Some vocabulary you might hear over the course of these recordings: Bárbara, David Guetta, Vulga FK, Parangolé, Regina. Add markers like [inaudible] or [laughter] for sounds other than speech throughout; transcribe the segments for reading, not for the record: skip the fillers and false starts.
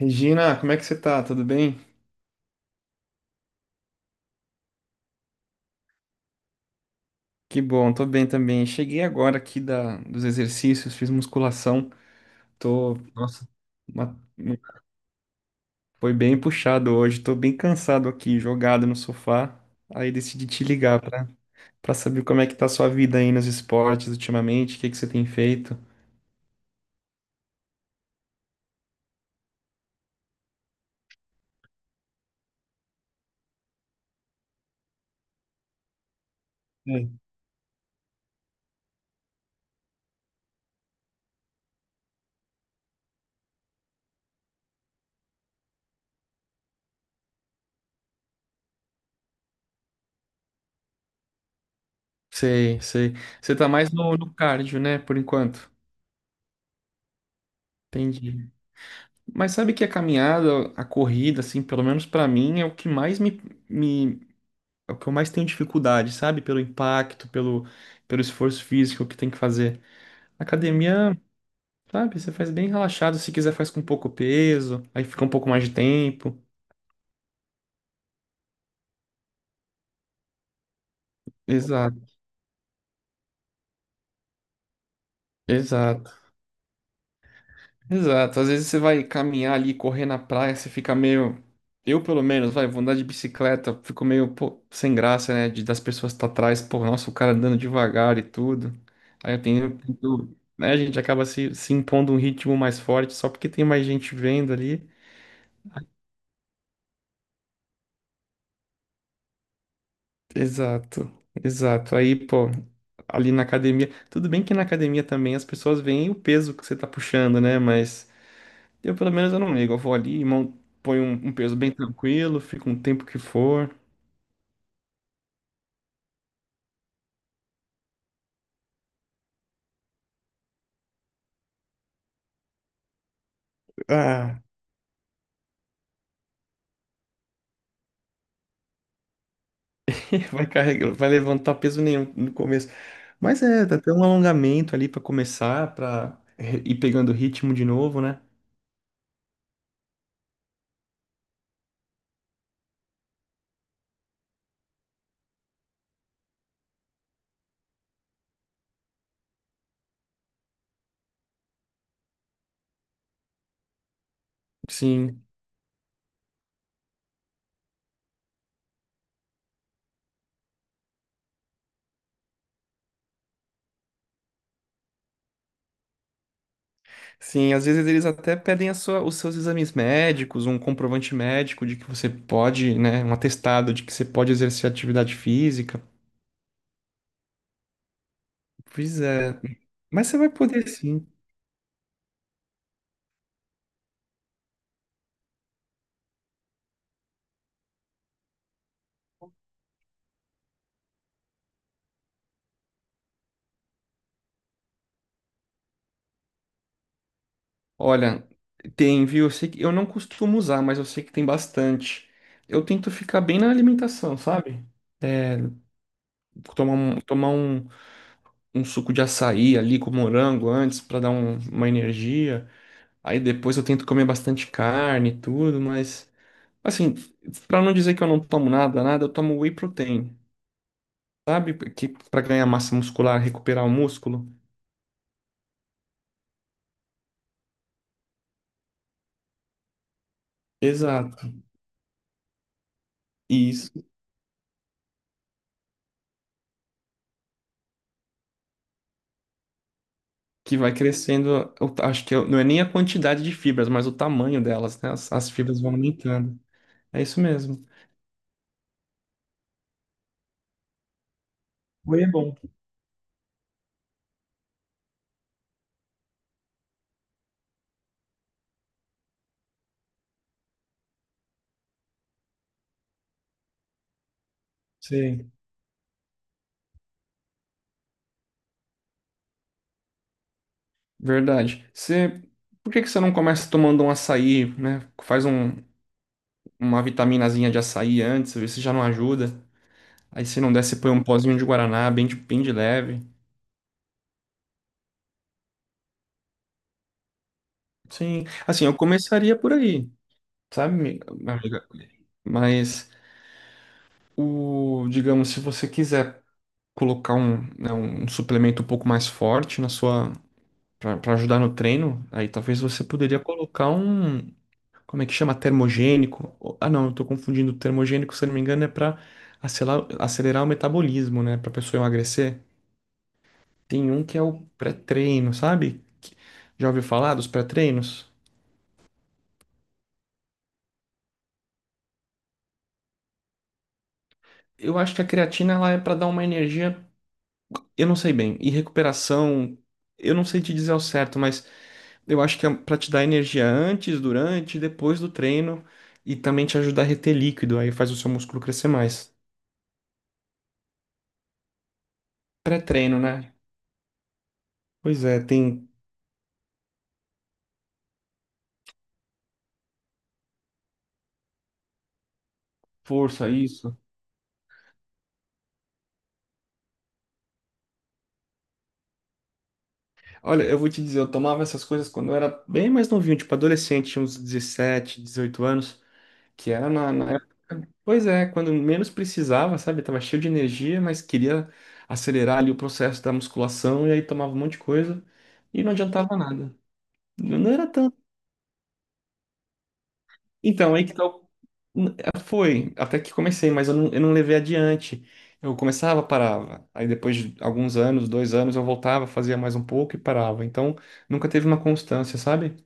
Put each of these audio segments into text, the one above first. Regina, como é que você tá? Tudo bem? Que bom, tô bem também. Cheguei agora aqui dos exercícios, fiz musculação. Tô, nossa, uma- uma- foi bem puxado hoje. Tô bem cansado aqui, jogado no sofá. Aí decidi te ligar pra saber como é que tá a sua vida aí nos esportes ultimamente, o que que você tem feito. É. Sei, sei. Você tá mais no cardio, né, por enquanto. Entendi. Mas sabe que a caminhada, a corrida, assim, pelo menos pra mim, é o que mais me, me é o que eu mais tenho dificuldade, sabe? Pelo impacto, pelo esforço físico que tem que fazer. Academia, sabe? Você faz bem relaxado, se quiser faz com pouco peso, aí fica um pouco mais de tempo. Exato, exato, exato. Às vezes você vai caminhar ali, correr na praia, você fica meio. Eu, pelo menos, vou andar de bicicleta, fico meio, pô, sem graça, né? De, das pessoas que tá atrás, pô, nossa, o cara andando devagar e tudo. Aí eu tento, né? A gente acaba se impondo um ritmo mais forte só porque tem mais gente vendo ali. Exato, exato. Aí, pô, ali na academia, tudo bem que na academia também as pessoas veem o peso que você tá puxando, né? Mas eu, pelo menos, eu não ligo. Eu vou ali e ponho um peso bem tranquilo, fico um tempo que for. Ah, [laughs] vai carregar, vai levantar peso nenhum no começo. Mas é, dá até um alongamento ali pra começar, ir pegando ritmo de novo, né? Sim. Sim, às vezes eles até pedem os seus exames médicos, um comprovante médico de que você pode, né, um atestado de que você pode exercer atividade física. Pois é, mas você vai poder sim. Olha, tem, viu? Eu sei que eu não costumo usar, mas eu sei que tem bastante. Eu tento ficar bem na alimentação, sabe? É. Tomar um, tomar um, um suco de açaí ali com morango antes para dar uma energia. Aí depois eu tento comer bastante carne e tudo, mas assim, pra não dizer que eu não tomo nada, nada, eu tomo whey protein, sabe? Que para ganhar massa muscular, recuperar o músculo. Exato. E isso que vai crescendo, eu acho que eu- não é nem a quantidade de fibras, mas o tamanho delas, né? As fibras vão aumentando. É isso mesmo. Whey é bom. Sim. Verdade. Você, por que que você não começa tomando um açaí, né? Uma vitaminazinha de açaí antes, vê se já não ajuda. Aí se não der, você põe um pozinho de guaraná, bem de leve. Sim, assim, eu começaria por aí, sabe, minha amiga? Mas o, digamos, se você quiser colocar um, né, um suplemento um pouco mais forte na sua para ajudar no treino, aí talvez você poderia colocar um, como é que chama? Termogênico. Ou- Ah, não, eu tô confundindo. Termogênico, se eu não me engano, é para acelerar o metabolismo, né, para pessoa emagrecer. Tem um que é o pré-treino, sabe? Que- Já ouviu falar dos pré-treinos? Eu acho que a creatina ela é para dar uma energia. Eu não sei bem. E recuperação, eu não sei te dizer ao certo, mas eu acho que é para te dar energia antes, durante e depois do treino e também te ajudar a reter líquido, aí faz o seu músculo crescer mais. Pré-treino, né? Pois é, tem força isso. Olha, eu vou te dizer, eu tomava essas coisas quando eu era bem mais novinho, tipo adolescente, tinha uns 17, 18 anos, que era na pois é, quando menos precisava, sabe? Tava cheio de energia, mas queria acelerar ali o processo da musculação e aí tomava um monte de coisa e não adiantava nada. Não era tanto. Então, aí que tal. Foi, até que comecei, mas eu não levei adiante. Eu começava, parava. Aí depois de alguns anos, dois anos, eu voltava, fazia mais um pouco e parava. Então, nunca teve uma constância, sabe?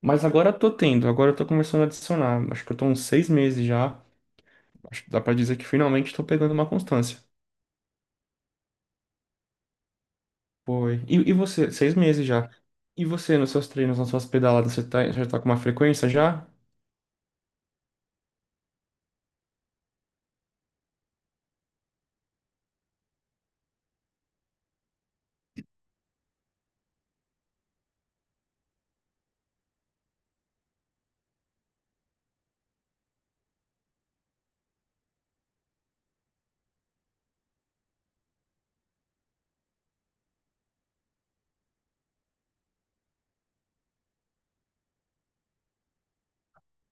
Mas agora eu tô tendo, agora eu tô começando a adicionar. Acho que eu tô uns seis meses já. Acho que dá pra dizer que finalmente tô pegando uma constância. Foi. E você, seis meses já. E você, nos seus treinos, nas suas pedaladas, já tá com uma frequência já?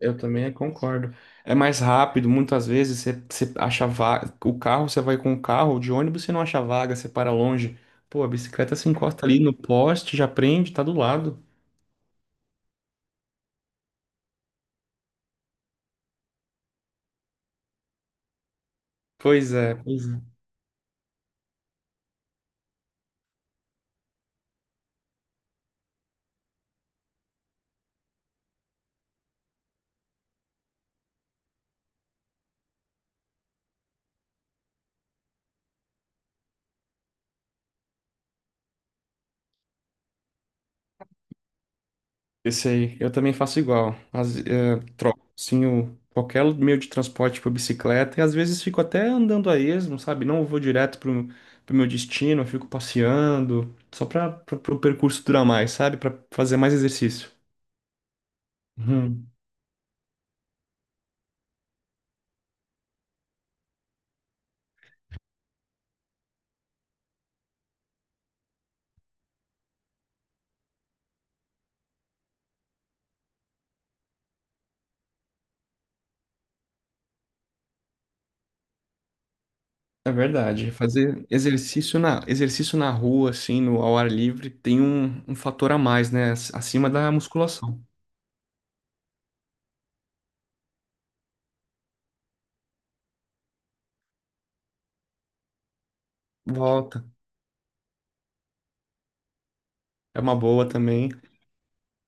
Eu também concordo. É mais rápido, muitas vezes você acha vaga. O carro, você vai com o carro, de ônibus você não acha vaga, você para longe. Pô, a bicicleta se encosta ali no poste, já prende, tá do lado. Pois é, pois Esse aí, eu também faço igual. As, é, troco, sim, o- qualquer meio de transporte, tipo bicicleta, e às vezes fico até andando a esmo, sabe? Não vou direto pro meu destino, eu fico passeando, só para pro percurso durar mais, sabe? Para fazer mais exercício. Uhum. É verdade. Fazer exercício exercício na rua, assim, no, ao ar livre, tem um, um fator a mais, né? Acima da musculação. Volta. É uma boa também.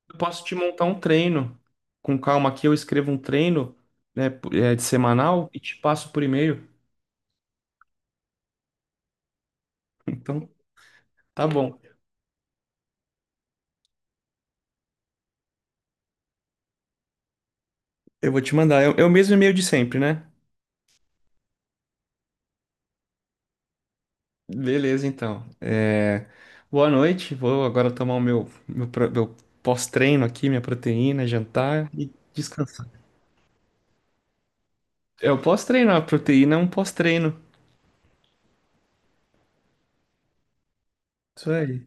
Eu posso te montar um treino com calma aqui. Eu escrevo um treino, né, p- é, de semanal e te passo por e-mail. [laughs] Então, tá bom. Eu vou te mandar. É o mesmo e-mail de sempre, né? Beleza, então. É, boa noite. Vou agora tomar o meu pós-treino aqui, minha proteína, jantar e descansar. É o pós-treino, a proteína é um pós-treino. Isso aí.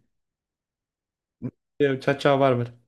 Eu, tchau, Bárbara.